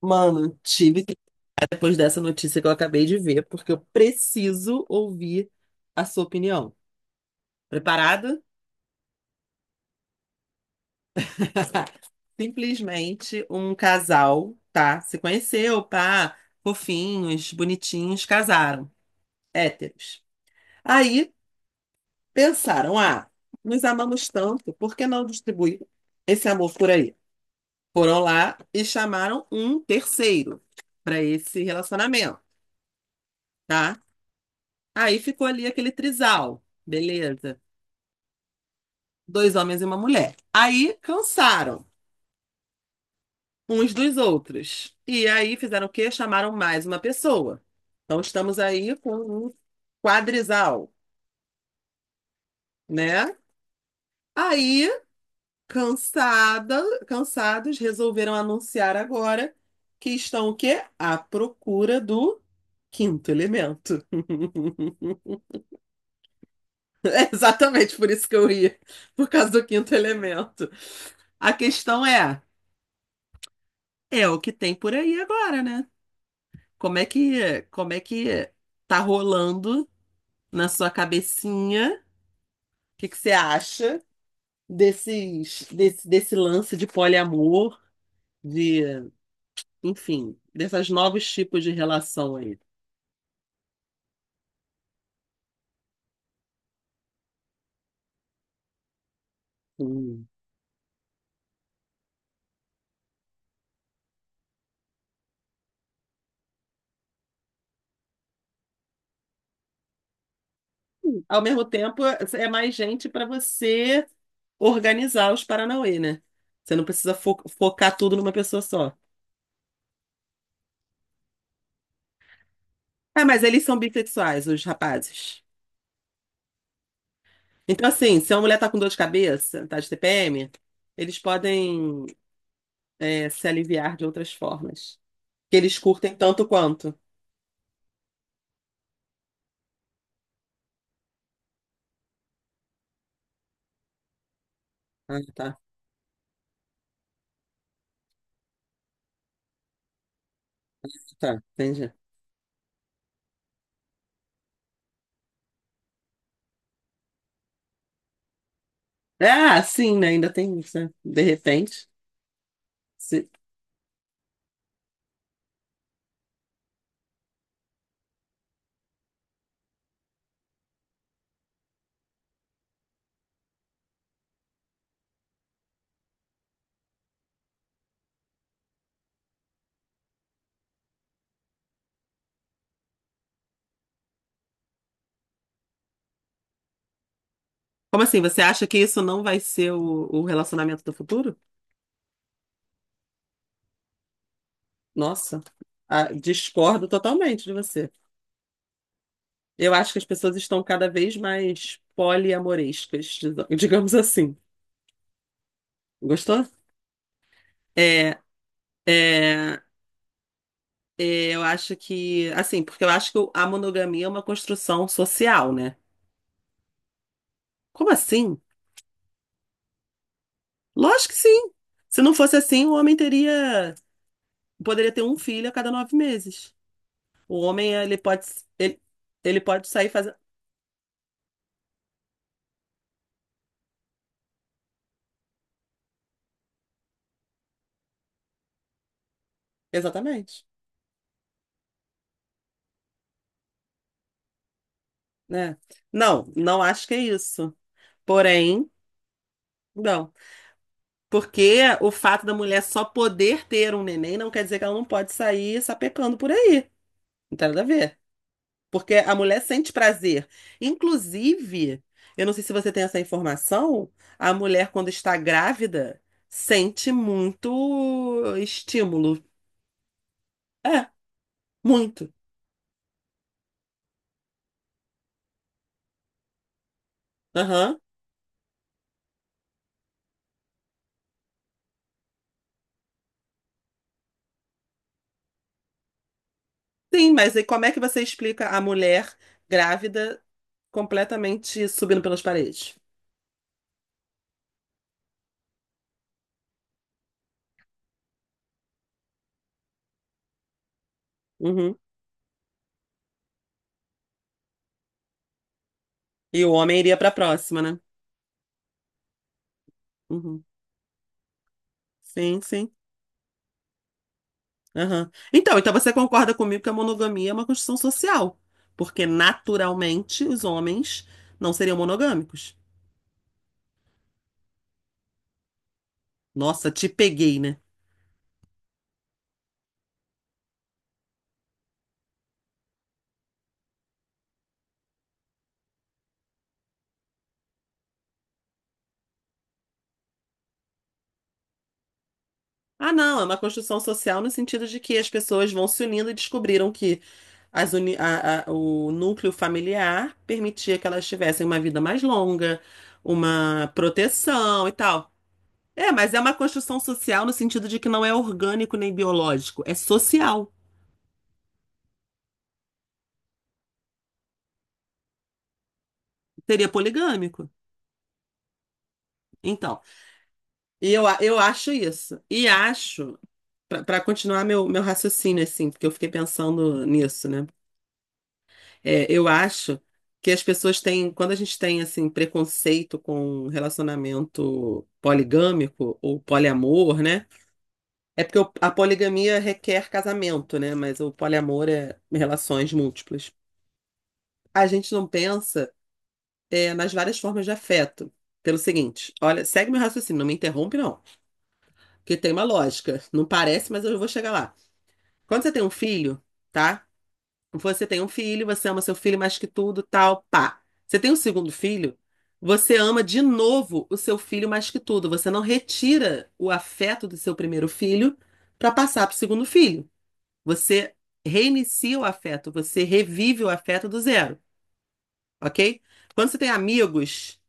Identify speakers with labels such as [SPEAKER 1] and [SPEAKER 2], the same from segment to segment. [SPEAKER 1] Mano, tive que ficar depois dessa notícia que eu acabei de ver, porque eu preciso ouvir a sua opinião. Preparado? Simplesmente um casal, tá? Se conheceu, pá, fofinhos, bonitinhos, casaram, héteros. Aí pensaram, ah, nos amamos tanto, por que não distribuir esse amor por aí? Foram lá e chamaram um terceiro para esse relacionamento, tá? Aí ficou ali aquele trisal, beleza? Dois homens e uma mulher. Aí cansaram uns dos outros. E aí fizeram o quê? Chamaram mais uma pessoa. Então estamos aí com um quadrisal, né? Aí, cansada, cansados, resolveram anunciar agora que estão o quê? À procura do quinto elemento. É exatamente por isso que eu ia, por causa do quinto elemento. A questão é, é o que tem por aí agora, né? Como é que tá rolando na sua cabecinha? O que que você acha desse lance de poliamor, de, enfim, desses novos tipos de relação aí? Hum. Ao mesmo tempo, é mais gente para você organizar os Paranauê, né? Você não precisa focar tudo numa pessoa só. Ah, mas eles são bissexuais, os rapazes. Então, assim, se uma mulher tá com dor de cabeça, tá de TPM, eles podem, é, se aliviar de outras formas. Que eles curtem tanto quanto. Ah, tá, tá, entendi. É, ah, sim, né? Ainda tem isso, né? De repente. se- Como assim? Você acha que isso não vai ser o relacionamento do futuro? Nossa, ah, discordo totalmente de você. Eu acho que as pessoas estão cada vez mais poliamorescas, digamos assim. Gostou? É, é, é, eu acho que, assim, porque eu acho que a monogamia é uma construção social, né? Como assim? Lógico que sim. Se não fosse assim, poderia ter um filho a cada 9 meses. O homem, ele, ele pode sair fazendo. Exatamente, né? Não, não acho que é isso. Porém, não. Porque o fato da mulher só poder ter um neném não quer dizer que ela não pode sair sapecando por aí. Não tem nada a ver. Porque a mulher sente prazer. Inclusive, eu não sei se você tem essa informação, a mulher, quando está grávida, sente muito estímulo. É, muito. Aham. Sim, mas aí como é que você explica a mulher grávida completamente subindo pelas paredes? Uhum. E o homem iria para a próxima, né? Uhum. Sim, sim. Aham. Então, você concorda comigo que a monogamia é uma construção social, porque naturalmente os homens não seriam monogâmicos. Nossa, te peguei, né? Ah, não, é uma construção social no sentido de que as pessoas vão se unindo e descobriram que as uni- a- o núcleo familiar permitia que elas tivessem uma vida mais longa, uma proteção e tal. É, mas é uma construção social no sentido de que não é orgânico nem biológico, é social. Seria poligâmico. Então. E eu, eu acho isso. E acho, para continuar meu raciocínio, assim, porque eu fiquei pensando nisso, né? É, eu acho que quando a gente tem, assim, preconceito com relacionamento poligâmico ou poliamor, né? É porque a poligamia requer casamento, né? Mas o poliamor é relações múltiplas. A gente não pensa, nas várias formas de afeto. Pelo seguinte, olha, segue meu raciocínio, não me interrompe, não, porque tem uma lógica. Não parece, mas eu vou chegar lá. Quando você tem um filho, tá? Você tem um filho, você ama seu filho mais que tudo, tal, pá. Você tem um segundo filho, você ama de novo o seu filho mais que tudo. Você não retira o afeto do seu primeiro filho para passar para o segundo filho. Você reinicia o afeto, você revive o afeto do zero, ok? Quando você tem amigos.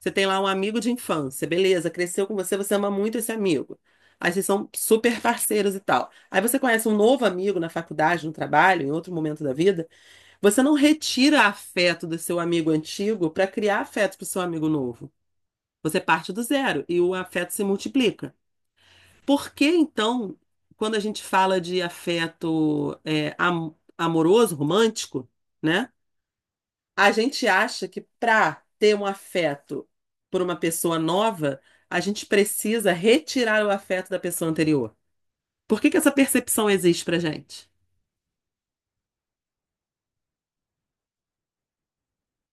[SPEAKER 1] Você tem lá um amigo de infância, beleza, cresceu com você, você ama muito esse amigo. Aí vocês são super parceiros e tal. Aí você conhece um novo amigo na faculdade, no trabalho, em outro momento da vida. Você não retira afeto do seu amigo antigo para criar afeto para o seu amigo novo. Você parte do zero e o afeto se multiplica. Por que então, quando a gente fala de afeto é, amoroso, romântico, né? A gente acha que para ter um afeto por uma pessoa nova, a gente precisa retirar o afeto da pessoa anterior. Por que que essa percepção existe pra gente?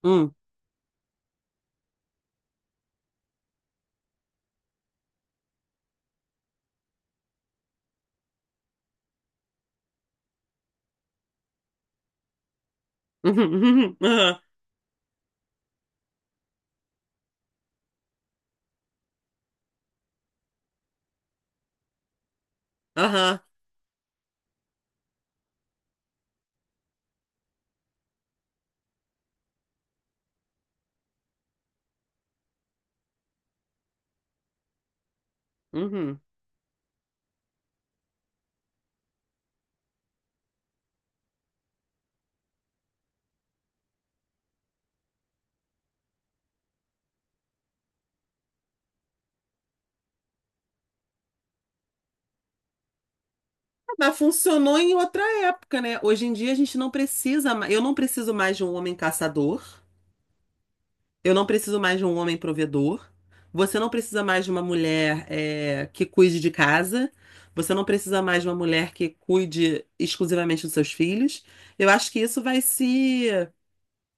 [SPEAKER 1] Hum. Uhum. Uhum. Aham. Aham. Uhum. Ah, mas funcionou em outra época, né? Hoje em dia a gente não precisa mais, eu não preciso mais de um homem caçador. Eu não preciso mais de um homem provedor. Você não precisa mais de uma mulher, eh, que cuide de casa. Você não precisa mais de uma mulher que cuide exclusivamente dos seus filhos. Eu acho que isso vai se,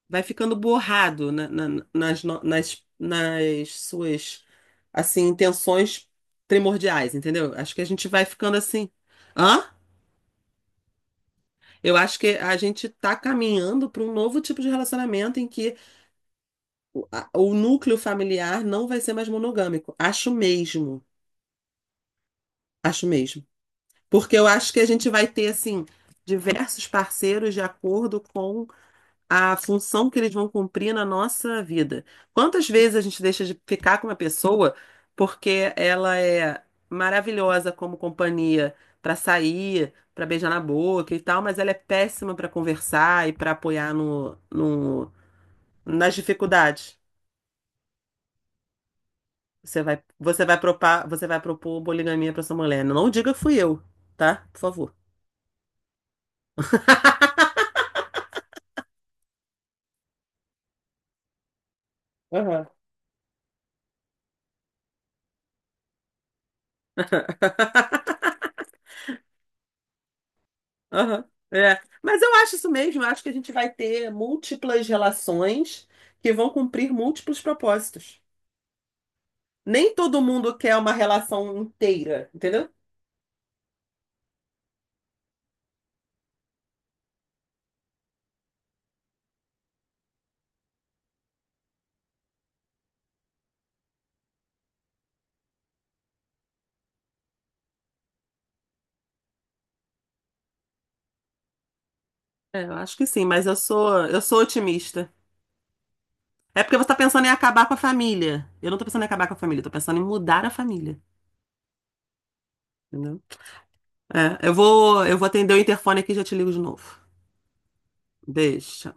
[SPEAKER 1] vai ficando borrado na- na- nas, no- nas, nas suas, assim, intenções primordiais, entendeu? Acho que a gente vai ficando assim. Hã? Eu acho que a gente está caminhando para um novo tipo de relacionamento em que o núcleo familiar não vai ser mais monogâmico. Acho mesmo. Acho mesmo. Porque eu acho que a gente vai ter, assim, diversos parceiros de acordo com a função que eles vão cumprir na nossa vida. Quantas vezes a gente deixa de ficar com uma pessoa porque ela é maravilhosa como companhia para sair, para beijar na boca e tal, mas ela é péssima para conversar e para apoiar nas dificuldades? Você vai propor poligamia pra sua mulher. Não diga que fui eu, tá? Por favor. Aham. Aham, é. Mas eu acho isso mesmo, eu acho que a gente vai ter múltiplas relações que vão cumprir múltiplos propósitos. Nem todo mundo quer uma relação inteira, entendeu? É, eu acho que sim, mas eu sou otimista. É porque você tá pensando em acabar com a família. Eu não tô pensando em acabar com a família, eu tô pensando em mudar a família, entendeu? É, eu vou atender o interfone aqui e já te ligo de novo. Beijo.